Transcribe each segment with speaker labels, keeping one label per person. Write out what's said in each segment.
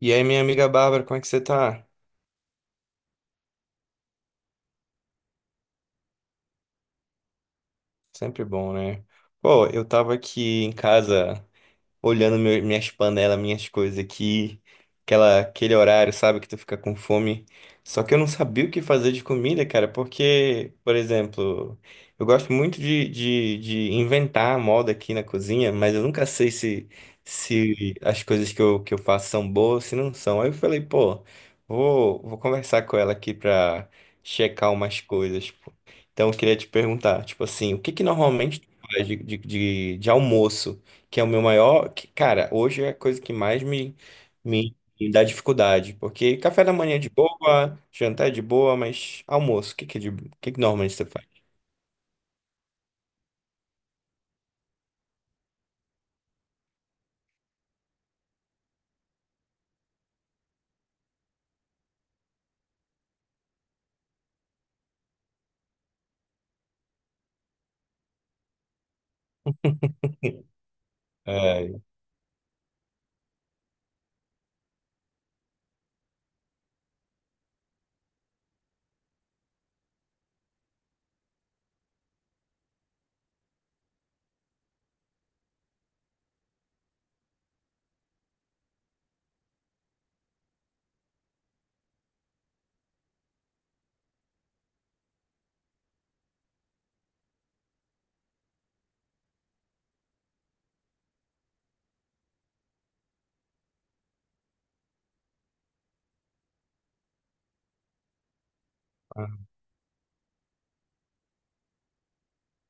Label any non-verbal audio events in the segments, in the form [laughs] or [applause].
Speaker 1: E aí, minha amiga Bárbara, como é que você tá? Sempre bom, né? Pô, eu tava aqui em casa olhando minhas panelas, minhas coisas aqui, aquele horário, sabe, que tu fica com fome. Só que eu não sabia o que fazer de comida, cara, porque, por exemplo, eu gosto muito de inventar a moda aqui na cozinha, mas eu nunca sei se as coisas que que eu faço são boas, se não são. Aí eu falei, pô, vou conversar com ela aqui pra checar umas coisas, pô. Então eu queria te perguntar, tipo assim, o que que normalmente tu faz de, de almoço? Que é o meu maior, que, cara, hoje é a coisa que mais me dá dificuldade, porque café da manhã é de boa, jantar é de boa, mas almoço, o que que é de, o que que normalmente você faz? É,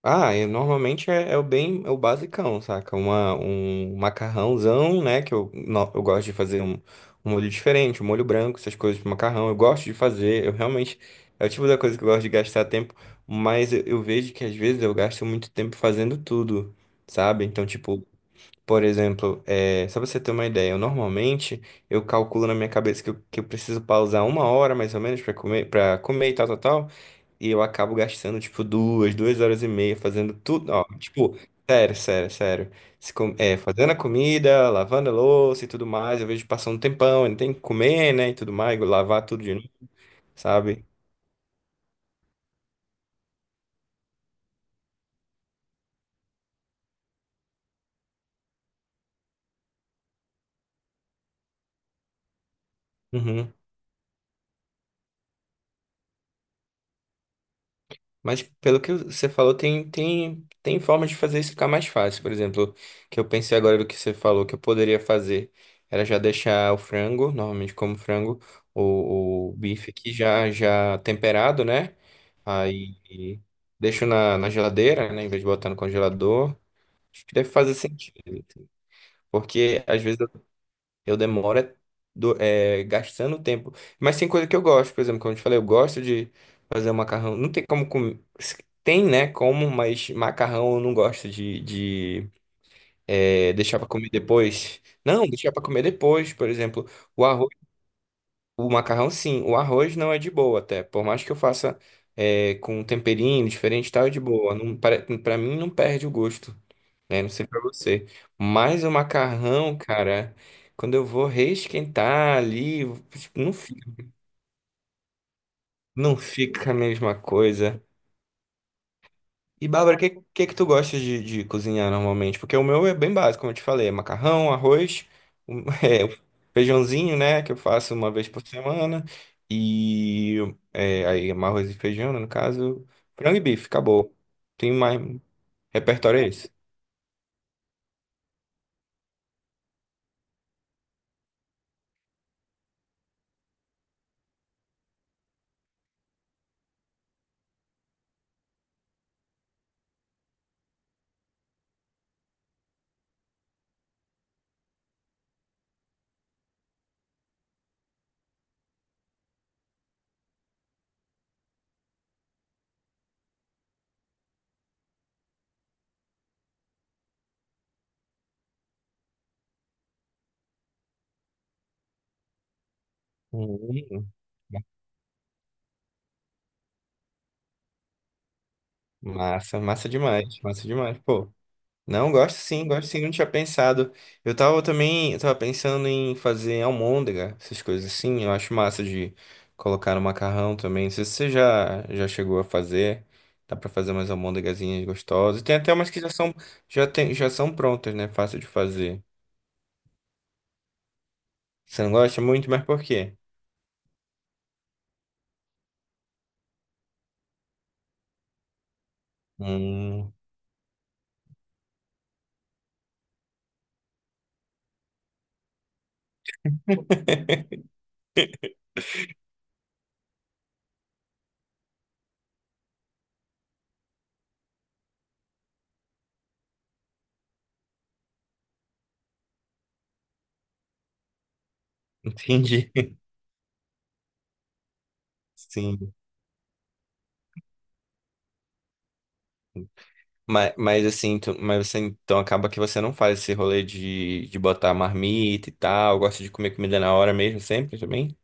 Speaker 1: ah, eu normalmente é o bem, é o basicão, saca? Um macarrãozão, né? Que eu, eu gosto de fazer um molho diferente, um molho branco, essas coisas pro macarrão. Eu gosto de fazer, eu realmente, é o tipo da coisa que eu gosto de gastar tempo, mas eu vejo que às vezes eu gasto muito tempo fazendo tudo, sabe? Então, tipo, por exemplo, é, só pra você ter uma ideia, eu normalmente eu calculo na minha cabeça que que eu preciso pausar uma hora mais ou menos pra comer, para comer e tal, tal, tal, e eu acabo gastando tipo duas horas e meia fazendo tudo, ó, tipo, sério, Se com- é, fazendo a comida, lavando a louça e tudo mais, eu vejo passando um tempão, ainda tem que comer, né, e tudo mais, lavar tudo de novo, sabe? Uhum. Mas pelo que você falou, tem, tem formas de fazer isso ficar mais fácil. Por exemplo, que eu pensei agora do que você falou que eu poderia fazer era já deixar o frango, normalmente como frango, o bife aqui já, já temperado, né? Aí deixo na, na geladeira, né? Em vez de botar no congelador. Acho que deve fazer sentido, assim. Porque às vezes eu demoro é gastando tempo. Mas tem coisa que eu gosto, por exemplo, como eu te falei, eu gosto de fazer um macarrão. Não tem como comer. Tem, né? Como, mas macarrão eu não gosto é, deixar pra comer depois. Não, deixar pra comer depois, por exemplo. O arroz, o macarrão, sim. O arroz não é de boa até. Por mais que eu faça é, com um temperinho diferente, e tal, é de boa. Não, para, pra mim não perde o gosto, né? Não sei pra você. Mas o macarrão, cara, quando eu vou reesquentar ali, tipo, não fica, não fica a mesma coisa. E Bárbara, o que, que tu gosta de cozinhar normalmente? Porque o meu é bem básico, como eu te falei, é macarrão, arroz, [laughs] é, o feijãozinho, né, que eu faço uma vez por semana, e é, aí é arroz e feijão, né, no caso, frango e bife, acabou. Tem mais repertório é esse? Hum. Massa, massa demais, pô. Não, gosto sim, não tinha pensado. Eu tava também, eu tava pensando em fazer almôndega, essas coisas assim. Eu acho massa de colocar no macarrão também. Não sei se você já chegou a fazer. Dá pra fazer umas almôndegazinhas gostosas. Tem até umas que já são, já tem, já são prontas, né? Fácil de fazer. Você não gosta muito, mas por quê? Hum, [laughs] entendi. [laughs] Sim. Mas assim, mas você então acaba que você não faz esse rolê de botar marmita e tal, gosta de comer comida na hora mesmo, sempre também?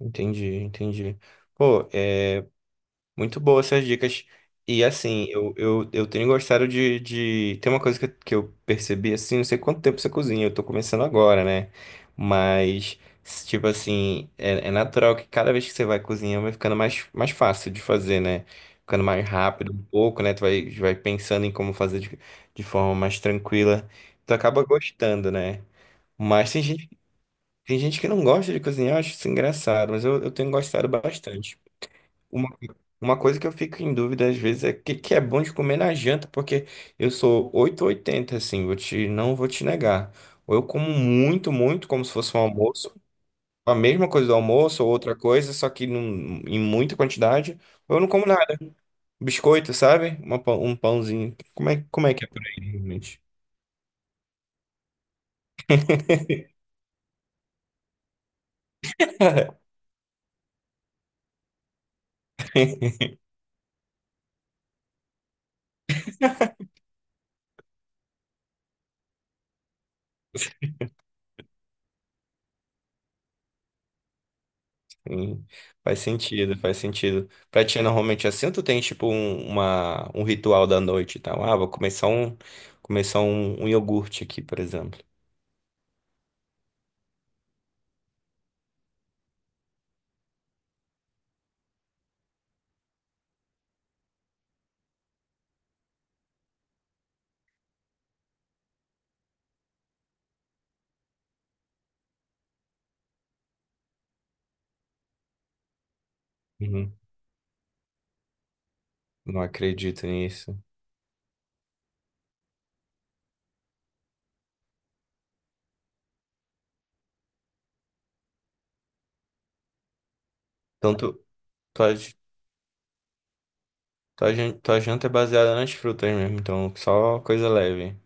Speaker 1: Entendi, entendi. Pô, é, muito boa essas dicas. E assim, eu tenho gostado de, de. Tem uma coisa que, que eu percebi assim, não sei quanto tempo você cozinha, eu tô começando agora, né? Mas, tipo assim, é, é natural que cada vez que você vai cozinhando vai ficando mais, mais fácil de fazer, né? Ficando mais rápido um pouco, né? Tu vai, vai pensando em como fazer de forma mais tranquila. Tu acaba gostando, né? Mas tem gente que não gosta de cozinhar, eu acho isso engraçado, mas eu tenho gostado bastante. Uma, uma coisa que eu fico em dúvida às vezes é o que, que é bom de comer na janta, porque eu sou oito ou oitenta assim, vou te, não vou te negar. Ou eu como muito, como se fosse um almoço, a mesma coisa do almoço, ou outra coisa, só que em muita quantidade, ou eu não como nada. Biscoito, sabe? Um pãozinho. Como é que é por aí, realmente? [laughs] Sim, faz sentido, faz sentido. Pra ti, normalmente é assim, ou tu tem tipo um ritual da noite e tal? Ah, vou começar começar um, um iogurte aqui, por exemplo. Uhum. Não acredito nisso. Então, tu, tua, j- tua janta é baseada nas frutas mesmo, então só coisa leve.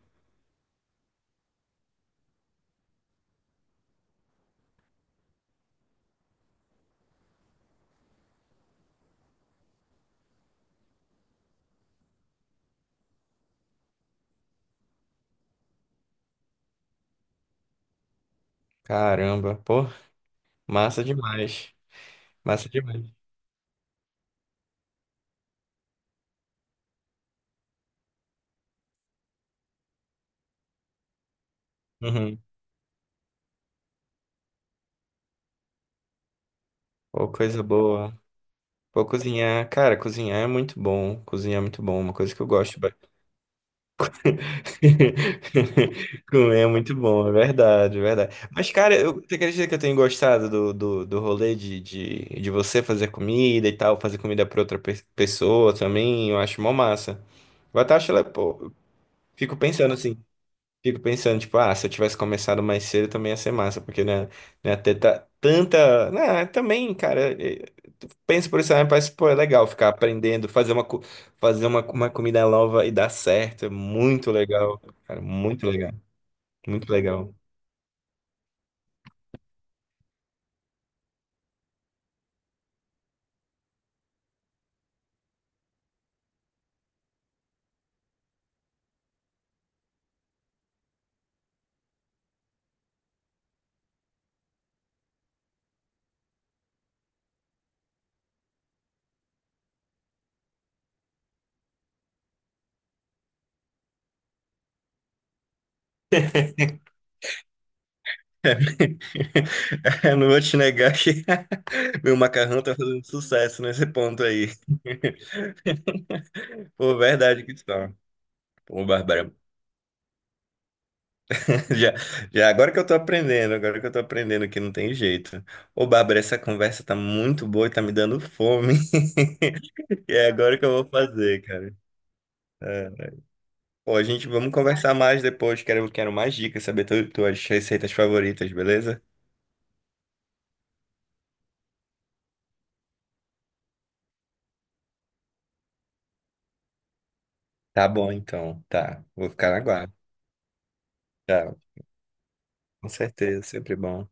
Speaker 1: Caramba, pô, massa demais. Massa demais. Uhum. Pô, coisa boa. Pô, cozinhar, cara, cozinhar é muito bom. Cozinhar é muito bom, uma coisa que eu gosto. [laughs] Comer é muito bom, é verdade, é verdade. Mas, cara, eu, você acredita que eu tenho gostado do rolê de você fazer comida e tal, fazer comida pra outra pessoa também? Eu acho mó massa. Eu até acho, pô, eu fico pensando assim, fico pensando, tipo, ah, se eu tivesse começado mais cedo também ia ser massa, porque, né, né, ter tanta. Né, também, cara penso por isso, né? Parece, pô, é legal ficar aprendendo, fazer fazer uma comida nova e dar certo. É muito legal, cara. Muito legal. [laughs] Eu não vou te negar que [laughs] meu macarrão tá fazendo sucesso nesse ponto aí. [laughs] Pô, verdade que está. Pô, Bárbara. [laughs] Já, já agora que eu tô aprendendo, agora que eu tô aprendendo que não tem jeito. Ô, Bárbara, essa conversa tá muito boa e tá me dando fome. [laughs] E é agora que eu vou fazer, cara. É. Pô, a gente vamos conversar mais depois. Quero, quero mais dicas, saber tu, tuas receitas favoritas, beleza? Tá bom, então. Tá. Vou ficar na guarda. Tá. Com certeza, sempre bom.